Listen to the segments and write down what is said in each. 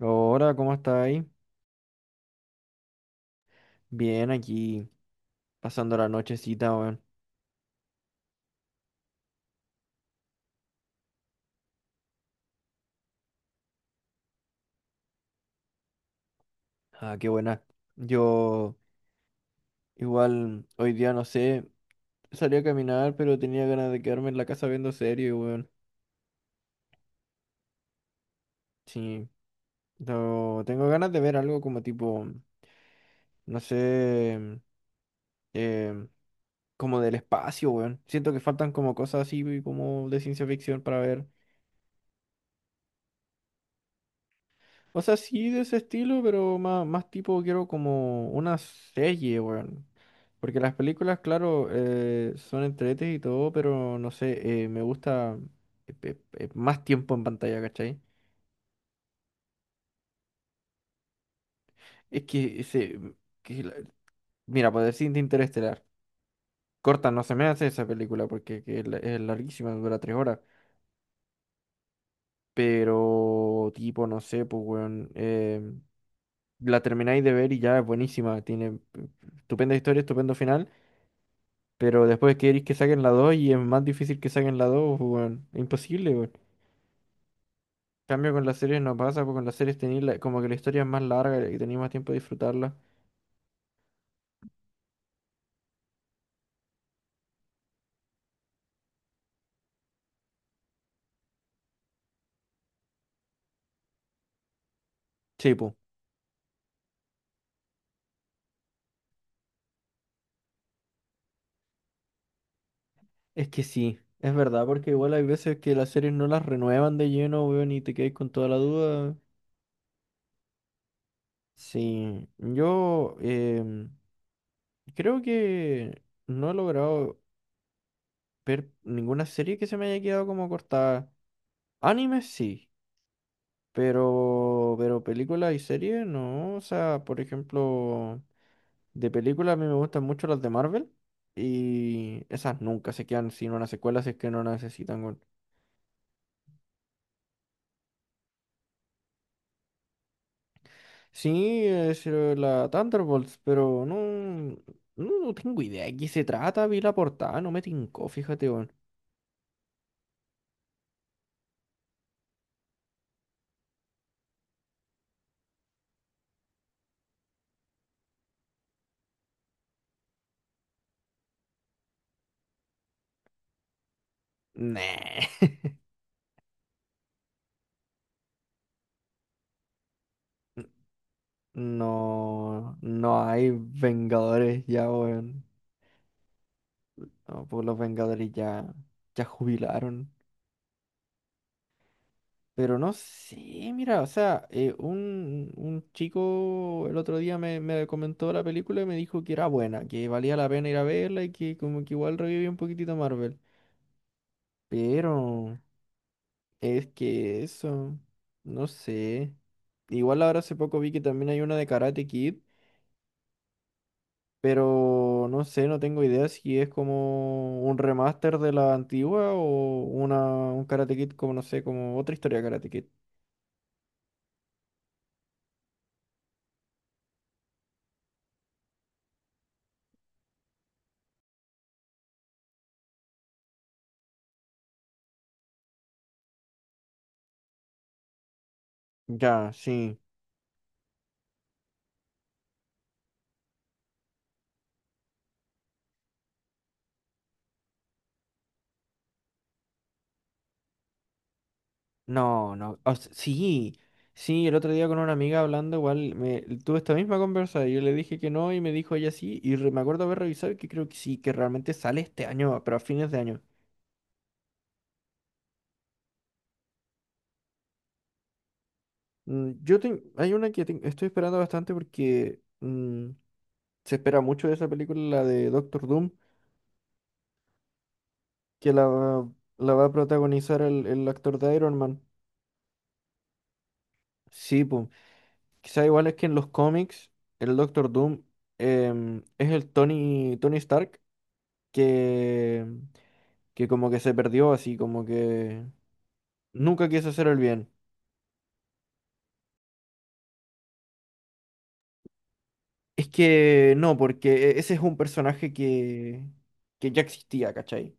Hola, ¿cómo estáis? Bien, aquí pasando la nochecita, weón. Ah, qué buena. Yo igual hoy día no sé, salí a caminar, pero tenía ganas de quedarme en la casa viendo serie, weón. Sí, no, tengo ganas de ver algo como tipo, no sé, eh, como del espacio, weón. Siento que faltan como cosas así como de ciencia ficción para ver. O sea, sí de ese estilo, pero más, más tipo quiero como una serie, weón. Porque las películas, claro, son entretes y todo, pero no sé, me gusta más tiempo en pantalla, ¿cachai? Es que ese... que la- mira, por decirte Interestelar. Corta, no se me hace esa película porque que es, es larguísima, dura 3 horas. Pero, tipo, no sé, pues, weón. La termináis de ver y ya es buenísima. Tiene eh, estupenda historia, estupendo final. Pero después queréis que saquen la 2 y es más difícil que saquen la 2 pues, weón. Es imposible, weón. En cambio con las series no pasa, porque con las series tenéis como que la historia es más larga y tenéis más tiempo de disfrutarla. Sí, pues. Es que sí, es verdad, porque igual hay veces que las series no las renuevan de lleno, weón, y te quedáis con toda la duda. Sí, yo creo que no he logrado ver ninguna serie que se me haya quedado como cortada. Anime sí. Pero películas y series, no. O sea, por ejemplo, de películas a mí me gustan mucho las de Marvel. Y esas nunca se quedan sin una secuela si es que no la necesitan, weón. Sí, es la Thunderbolts, pero no, no, no tengo idea de qué se trata. Vi la portada, no me tincó, fíjate, weón. Nah. No, no hay Vengadores ya, weón. No, pues los Vengadores ya, ya jubilaron. Pero no sé, mira, o sea, un chico el otro día me comentó la película y me dijo que era buena, que valía la pena ir a verla y que como que igual revivía un poquitito Marvel. Pero es que eso, no sé. Igual ahora hace poco vi que también hay una de Karate Kid, pero no sé, no tengo idea si es como un remaster de la antigua o un Karate Kid como, no sé, como otra historia de Karate Kid. Ya, sí. No, no. Sí, sí, el otro día con una amiga hablando, igual me, tuve esta misma conversa. Yo le dije que no y me dijo ella sí. Y me acuerdo haber revisado y que creo que sí, que realmente sale este año, pero a fines de año. Hay una que estoy esperando bastante porque se espera mucho de esa película, la de Doctor Doom, que la va a protagonizar el actor de Iron Man. Sí, pues. Quizá igual es que en los cómics, el Doctor Doom es el Tony, Tony Stark. que, que como que se perdió así, como que nunca quiso hacer el bien. Es que no, porque ese es un personaje que ya existía, ¿cachai?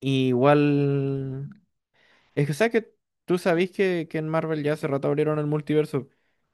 Y igual... Es que, ¿sabes que... Tú sabés que en Marvel ya hace rato abrieron el multiverso.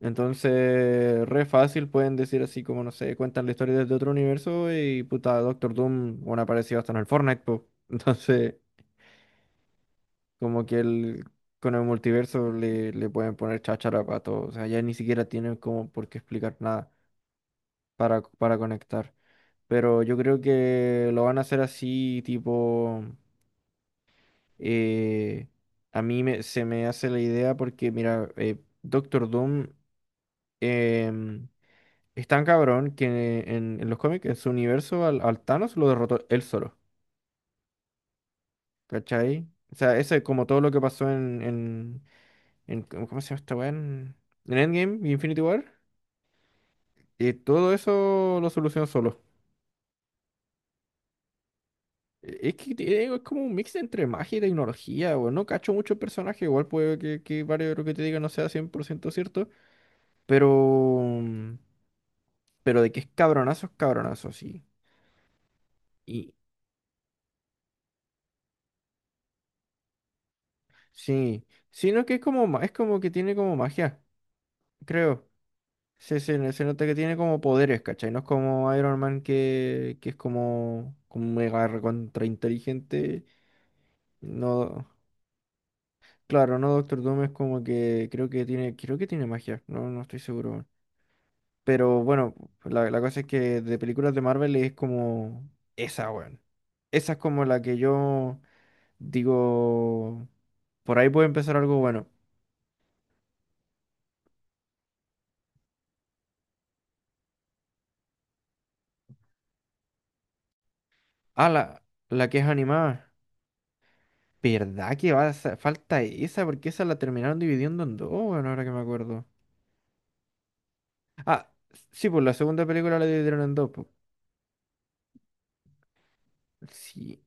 Entonces, re fácil pueden decir así como, no sé, cuentan la historia desde otro universo y puta, Doctor Doom, bueno, apareció hasta en el Fortnite, po. Entonces... Como que el, con el multiverso le pueden poner cháchara para todo. O sea, ya ni siquiera tienen como por qué explicar nada para, para conectar. Pero yo creo que lo van a hacer así, tipo... eh, a mí se me hace la idea porque, mira, Doctor Doom em, es tan cabrón que en los cómics, en su universo, al Thanos lo derrotó él solo. ¿Cachai? O sea, eso es como todo lo que pasó en, ¿cómo se llama esta weá? En Endgame y Infinity War, todo eso lo solucionó solo. Digo, es como un mix entre magia y tecnología, weón. No cacho mucho el personaje, igual puede que varios de lo que te diga no sea 100% cierto, pero, pero de que es cabronazo, sí. Y sí, sino que es como, es como que tiene como magia, creo. Se nota que tiene como poderes, ¿cachai? No es como Iron Man que es como, como mega recontra inteligente. No, claro, no, Doctor Doom es como que creo que tiene magia, no, no estoy seguro, weón. Pero bueno, la cosa es que de películas de Marvel es como esa, weón. Esa es como la que yo digo, por ahí puede empezar algo bueno. Ah, la que es animada. ¿Verdad que falta esa? Porque esa la terminaron dividiendo en dos, weón, ahora que me acuerdo. Ah, sí, pues la segunda película la dividieron en dos, pues. Sí.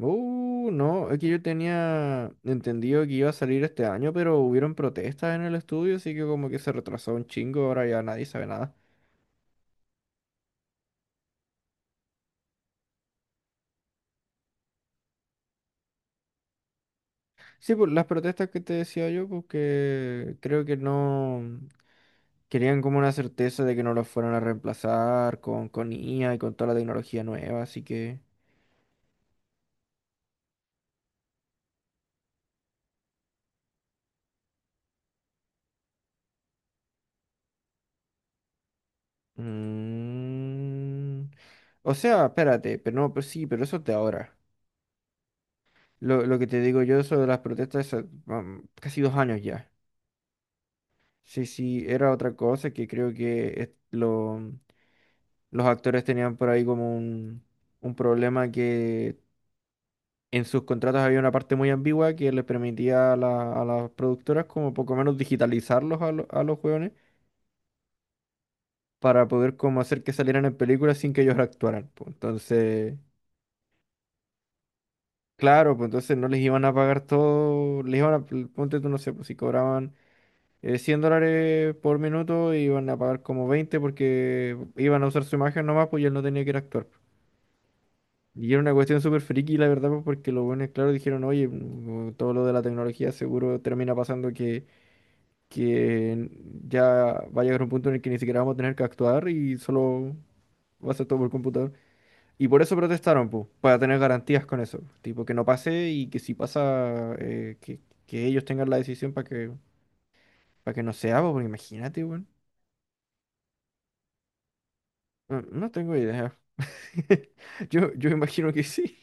No, es que yo tenía entendido que iba a salir este año, pero hubieron protestas en el estudio, así que como que se retrasó un chingo, ahora ya nadie sabe nada. Sí, pues las protestas que te decía yo, porque creo que no querían como una certeza de que no los fueran a reemplazar con IA y con toda la tecnología nueva, así que... mm, o sea, espérate, pero no, pues sí, pero eso es de ahora. Lo que te digo yo sobre las protestas, casi 2 años ya. Sí, sí, era otra cosa que creo que los actores tenían por ahí como un problema que en sus contratos había una parte muy ambigua que les permitía a las productoras como poco menos digitalizarlos a los jóvenes para poder como hacer que salieran en películas sin que ellos actuaran, pues. Entonces, claro, pues entonces no les iban a pagar todo, les iban a, ponte tú, no sé, pues si cobraban 100 dólares por minuto y iban a pagar como 20 porque iban a usar su imagen nomás, pues y él no tenía que ir a actuar, pues. Y era una cuestión súper friki, la verdad, pues porque los buenos, claro, dijeron, oye, todo lo de la tecnología seguro termina pasando que ya va a llegar un punto en el que ni siquiera vamos a tener que actuar y solo va a ser todo por computador. Y por eso protestaron, pues, para tener garantías con eso. Tipo, que no pase y que si pasa, que ellos tengan la decisión para que no sea, pues, porque imagínate, weón. No, no tengo idea. Yo imagino que sí.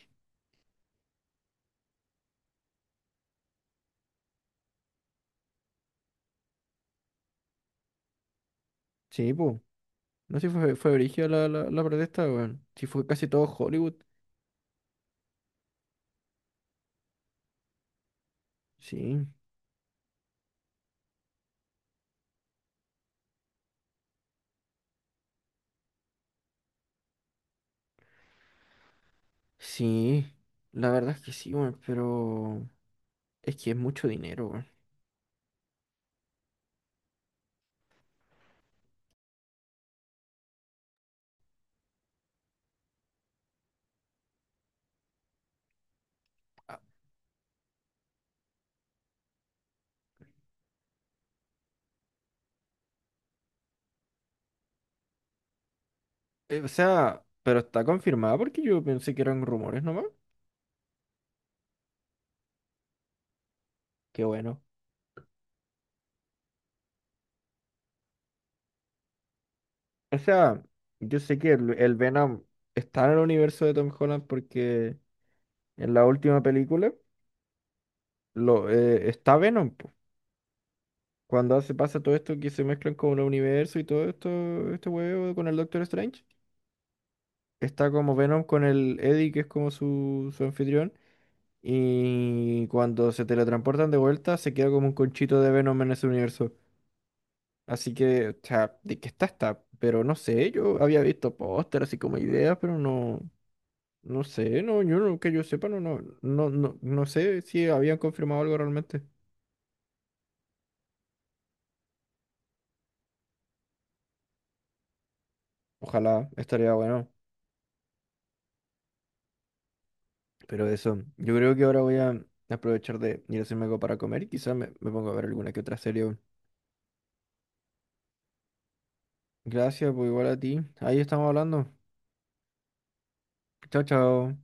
Sí, pues. No sé si fue brígida la protesta, weón. Si fue casi todo Hollywood. Sí. Sí. La verdad es que sí, weón. Pero es que es mucho dinero, weón. Ah, o sea, pero está confirmada porque yo pensé que eran rumores nomás. Qué bueno. O sea, yo sé que el Venom está en el universo de Tom Holland porque en la última película está Venom, po. Cuando hace, pasa todo esto que se mezclan con el universo y todo esto, este huevo con el Doctor Strange, está como Venom con el Eddie, que es como su anfitrión, y cuando se teletransportan de vuelta, se queda como un conchito de Venom en ese universo. Así que, o sea, de que está, está, pero no sé, yo había visto póster así como ideas, pero no, no sé, no, yo no, que yo sepa, no sé si habían confirmado algo realmente. Ojalá, estaría bueno. Pero eso, yo creo que ahora voy a aprovechar de ir a hacerme algo para comer y quizás me pongo a ver alguna que otra serie. Gracias, pues igual a ti. Ahí estamos hablando. Chao, chao.